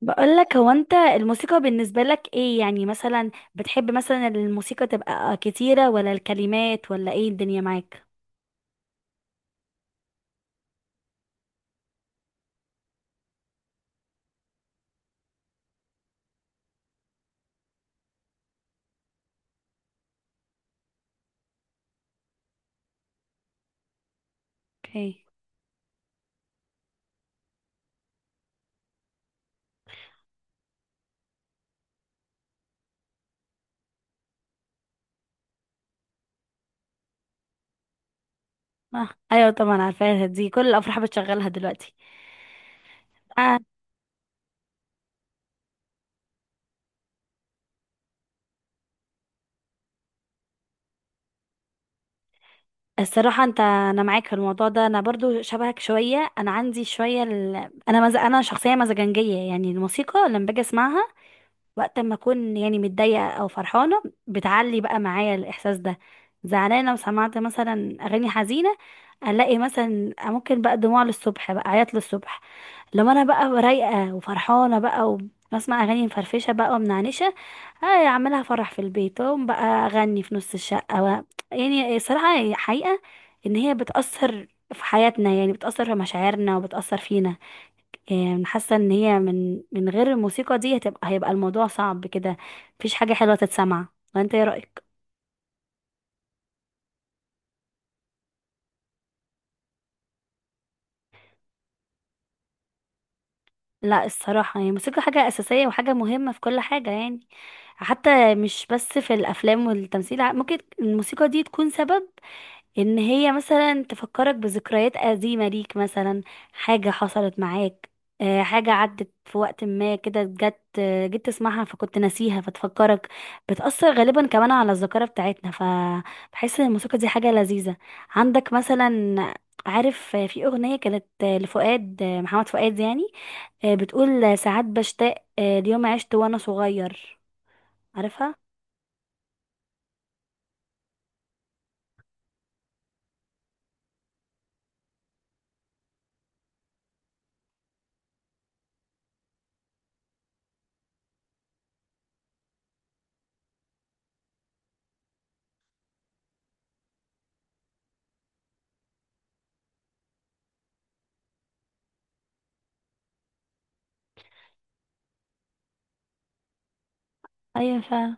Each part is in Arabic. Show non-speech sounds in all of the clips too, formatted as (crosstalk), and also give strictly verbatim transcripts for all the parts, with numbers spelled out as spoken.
بقولك، هو انت الموسيقى بالنسبة لك ايه؟ يعني مثلا بتحب مثلا الموسيقى تبقى كتيرة ولا الكلمات، ولا ايه الدنيا معاك؟ اوكي. اه ايوه طبعا عارفاها، دي كل الافراح بتشغلها دلوقتي. آه. الصراحة انت، انا معاك في الموضوع ده، انا برضو شبهك شوية، انا عندي شوية ال... انا مز... انا شخصية مزاجنجية، يعني الموسيقى لما باجي اسمعها وقت ما اكون يعني متضايقه او فرحانه بتعلي بقى معايا الاحساس ده. زعلانه وسمعت مثلا اغاني حزينه، الاقي مثلا ممكن بقى دموع للصبح، بقى عياط للصبح. لما انا بقى رايقه وفرحانه بقى وبسمع اغاني مفرفشه بقى ومنعنشه، آه اعملها فرح في البيت واقوم بقى اغني في نص الشقه و... يعني الصراحه حقيقه ان هي بتاثر في حياتنا، يعني بتاثر في مشاعرنا وبتاثر فينا. آه، حاسه ان هي من من غير الموسيقى دي هتبقى هيبقى الموضوع صعب كده، مفيش حاجه حلوه تتسمع. وانت ايه رايك؟ لا الصراحه، هي الموسيقى حاجه اساسيه وحاجه مهمه في كل حاجه يعني، حتى مش بس في الافلام والتمثيل. ع- ممكن الموسيقى دي تكون سبب ان هي مثلا تفكرك بذكريات قديمة ليك، مثلا حاجة حصلت معاك. آه، حاجة عدت في وقت ما كده، جت آه، جيت تسمعها فكنت ناسيها فتفكرك. بتأثر غالبا كمان على الذاكرة بتاعتنا، فبحس ان الموسيقى دي حاجة لذيذة. عندك مثلا، عارف آه، في أغنية كانت آه، لفؤاد، آه، محمد فؤاد، يعني آه، بتقول آه، ساعات بشتاق آه، ليوم عشت وأنا صغير. عارفها؟ ايوه فعلا.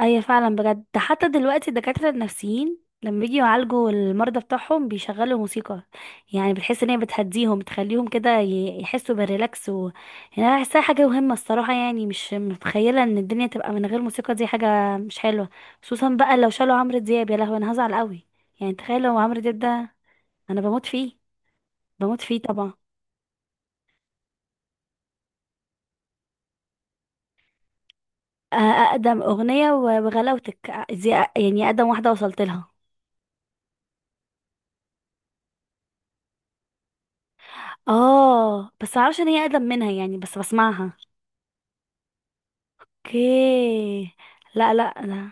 ايوه فعلا، بجد ده حتى دلوقتي الدكاترة النفسيين لما بيجوا يعالجوا المرضى بتاعهم بيشغلوا موسيقى، يعني بتحس ان هي بتهديهم، بتخليهم كده ي- يحسوا بالريلاكس و... يعني انا بحسها حاجة مهمة الصراحة، يعني مش متخيلة ان الدنيا تبقى من غير موسيقى، دي حاجة مش حلوة. خصوصا بقى لو شالوا عمرو دياب، يا لهوي انا هزعل قوي. يعني تخيل لو عمرو دياب ده، انا بموت فيه، بموت فيه طبعا. أ- اقدم اغنية و- وغلاوتك، أ- دي أ- يعني اقدم واحدة وصلت لها. اه بس معرفش ان هي اقدم منها، يعني بس بسمعها. اوكي. لا لا لا،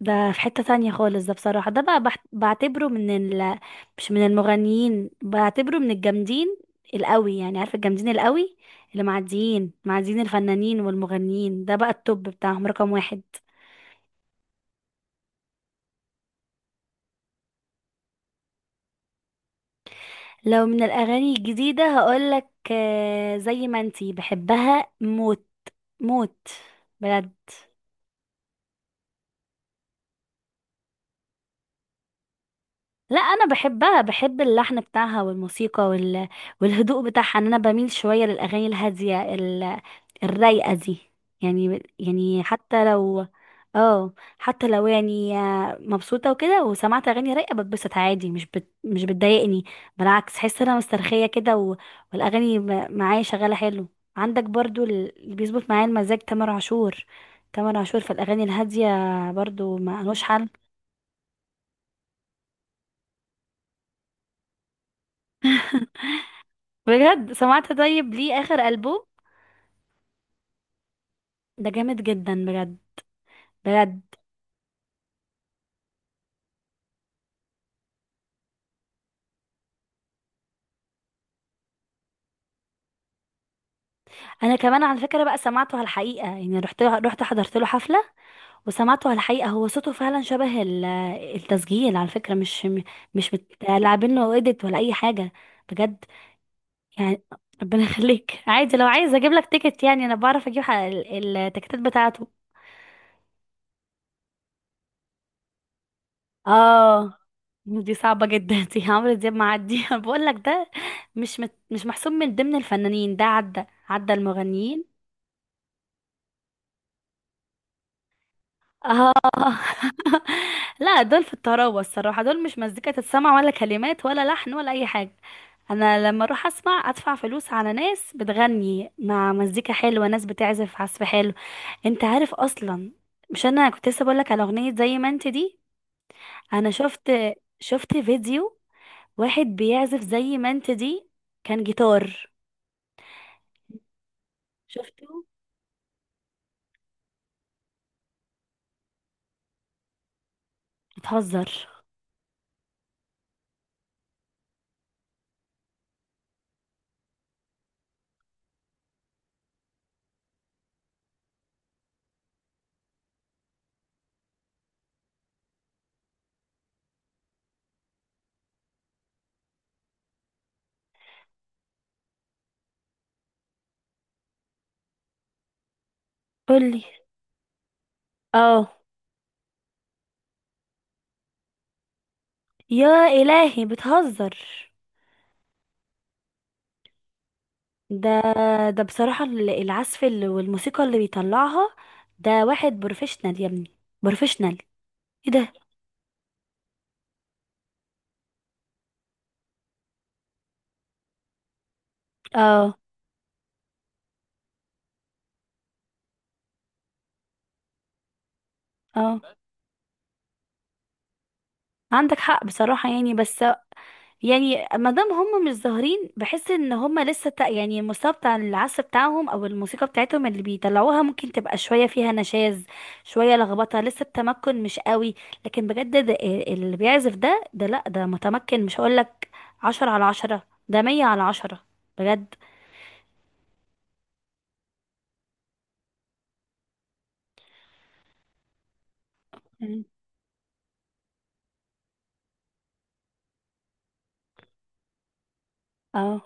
ده في حتة تانية خالص، ده بصراحة ده بقى بحت- بعتبره من ال، مش من المغنيين، بعتبره من الجامدين القوي، يعني عارف الجامدين القوي؟ اللي معديين معديين الفنانين والمغنيين، ده بقى التوب بتاعهم رقم واحد. لو من الأغاني الجديدة هقولك آه، زي ما انتي، بحبها موت، موت، بجد. لا انا بحبها، بحب اللحن بتاعها والموسيقى وال... والهدوء بتاعها، ان انا بميل شويه للاغاني الهاديه ال... الرايقه دي. يعني يعني حتى لو اه حتى لو يعني مبسوطه وكده وسمعت اغاني رايقه بتبسط عادي، مش بت... مش بتضايقني، بالعكس احس ان انا مسترخيه كده و... والاغاني م- معايا شغاله حلو. عندك برضو اللي بيظبط معايا المزاج تامر عاشور. تامر عاشور في الاغاني الهاديه برضو ما لهوش حل. بجد سمعت؟ طيب ليه اخر ألبوم ده جامد جدا، بجد بجد. انا كمان على فكره بقى سمعته على الحقيقه، يعني رحت رحت حضرت له حفله وسمعته على الحقيقه، هو صوته فعلا شبه ال... التسجيل، على فكره مش مش متلاعبين له ايديت ولا اي حاجه. بجد، يعني ربنا (laughs) يخليك، عادي لو عايز اجيب لك تيكت، يعني انا بعرف اجيب ح- ال- التيكتات بتاعته. اه دي صعبه جدا (laughs) دي عمرو دياب، معدي (laughs) بقول لك ده مش مت... مش محسوب من ضمن الفنانين، ده عدى عدى المغنيين. اه (laughs) لا دول في الطراوة الصراحة، دول مش مزيكا تتسمع ولا كلمات ولا لحن ولا أي حاجة. أنا لما أروح أسمع أدفع فلوس على ناس بتغني مع مزيكا حلوة، ناس بتعزف عزف حلو. أنت عارف أصلا، مش أنا كنت لسه بقولك على أغنية زي ما أنت دي؟ أنا شفت، شفت فيديو، واحد بيعزف زي ما أنت دي، كان جيتار. شفته. بتهزر! قولي. اه، يا إلهي بتهزر! ده ده بصراحة ال- العزف ال- والموسيقى اللي بيطلعها، ده واحد بروفيشنال يا ابني، بروفيشنال. ايه ده! اه اه، عندك حق بصراحة يعني، بس يعني ما دام هم مش ظاهرين بحس ان هم لسه تا- يعني المستوى بتاع العزف بتاعهم او الموسيقى بتاعتهم اللي بيطلعوها ممكن تبقى شوية فيها نشاز، شوية لخبطة، لسه التمكن مش قوي. لكن بجد ده اللي بيعزف ده ده لا ده متمكن، مش هقولك عشرة على عشرة، ده مية على عشرة، بجد. مم. اه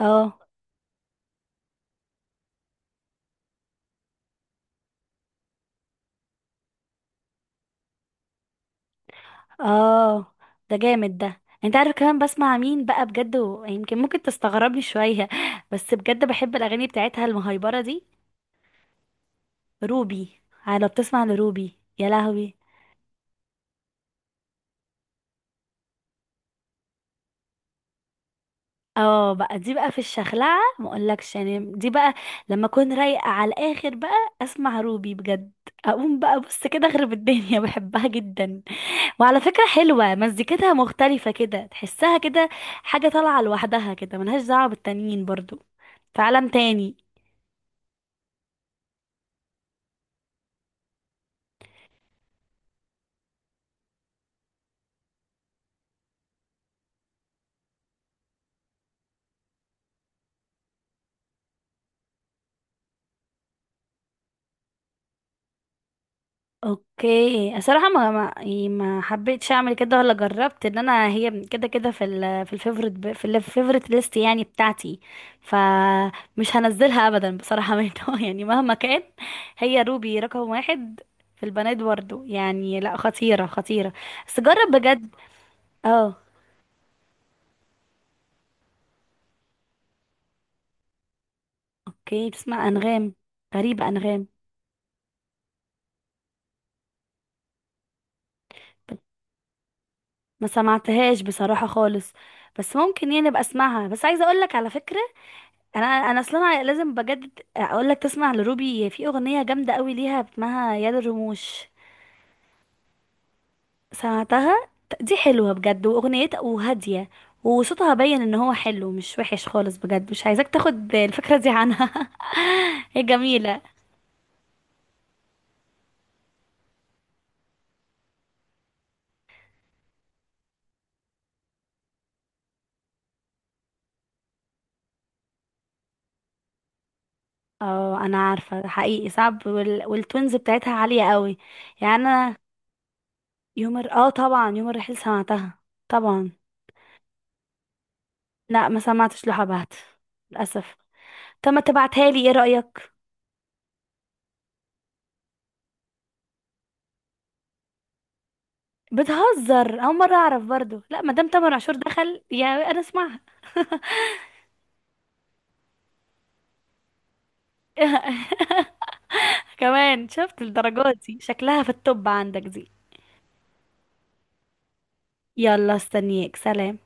اه اه، ده جامد، ده انت عارف كمان بسمع مين بقى بجد و- يمكن ممكن تستغربني شوية (laughs) بس بجد بحب الاغاني بتاعتها المهيبرة دي. روبي. اه، لو بتسمع لروبي، يا لهوي. اه بقى، دي بقى في الشخلعة ما اقولكش يعني، دي بقى لما اكون رايقة على الاخر بقى، اسمع روبي بجد، اقوم بقى بص كده اخرب الدنيا (laughs) بحبها جدا. وعلى فكرة حلوة مزيكتها، مختلفة كده، تحسها كده حاجة طالعة لوحدها كده، ملهاش دعوة بالتانيين برضو، في عالم تاني. اوكي الصراحة، ما ما يعني ما حبيتش اعمل كده ولا جربت ان انا هي كده كده في ال في الفيفوريت ب- في الفيفوريت ليست يعني بتاعتي، فمش هنزلها ابدا بصراحة منه (laughs) يعني مهما كان، هي روبي رقم واحد في البنات برضو، يعني لا، خطيرة خطيرة، بس جرب بجد. اه. اوكي بتسمع انغام؟ غريبة انغام. ما سمعتهاش بصراحة خالص، بس ممكن يعني ابقى اسمعها. بس عايزة اقول لك على فكرة، انا انا اصلا لازم بجد اقول لك تسمع لروبي في اغنية جامدة قوي ليها اسمها يد الرموش. سمعتها؟ ت- دي حلوة بجد، واغنيتها وهادية، وصوتها باين ان هو حلو مش وحش خالص، بجد مش عايزاك تاخد الفكرة دي عنها (laughs) هي جميلة. اه انا عارفة حقيقي صعب، وال... والتونز بتاعتها عالية قوي يعني انا. يوم الر- اه طبعا يوم الرحيل سمعتها طبعا. لا ما سمعتش لحبهت للاسف. طب ما تبعتها لي، ايه رايك؟ بتهزر، اول مره اعرف برضو. لا ما دام تامر عاشور دخل، يا انا اسمعها (laughs) كمان شفت الدرجات دي شكلها في التوب عندك دي. يلا استنيك، سلام.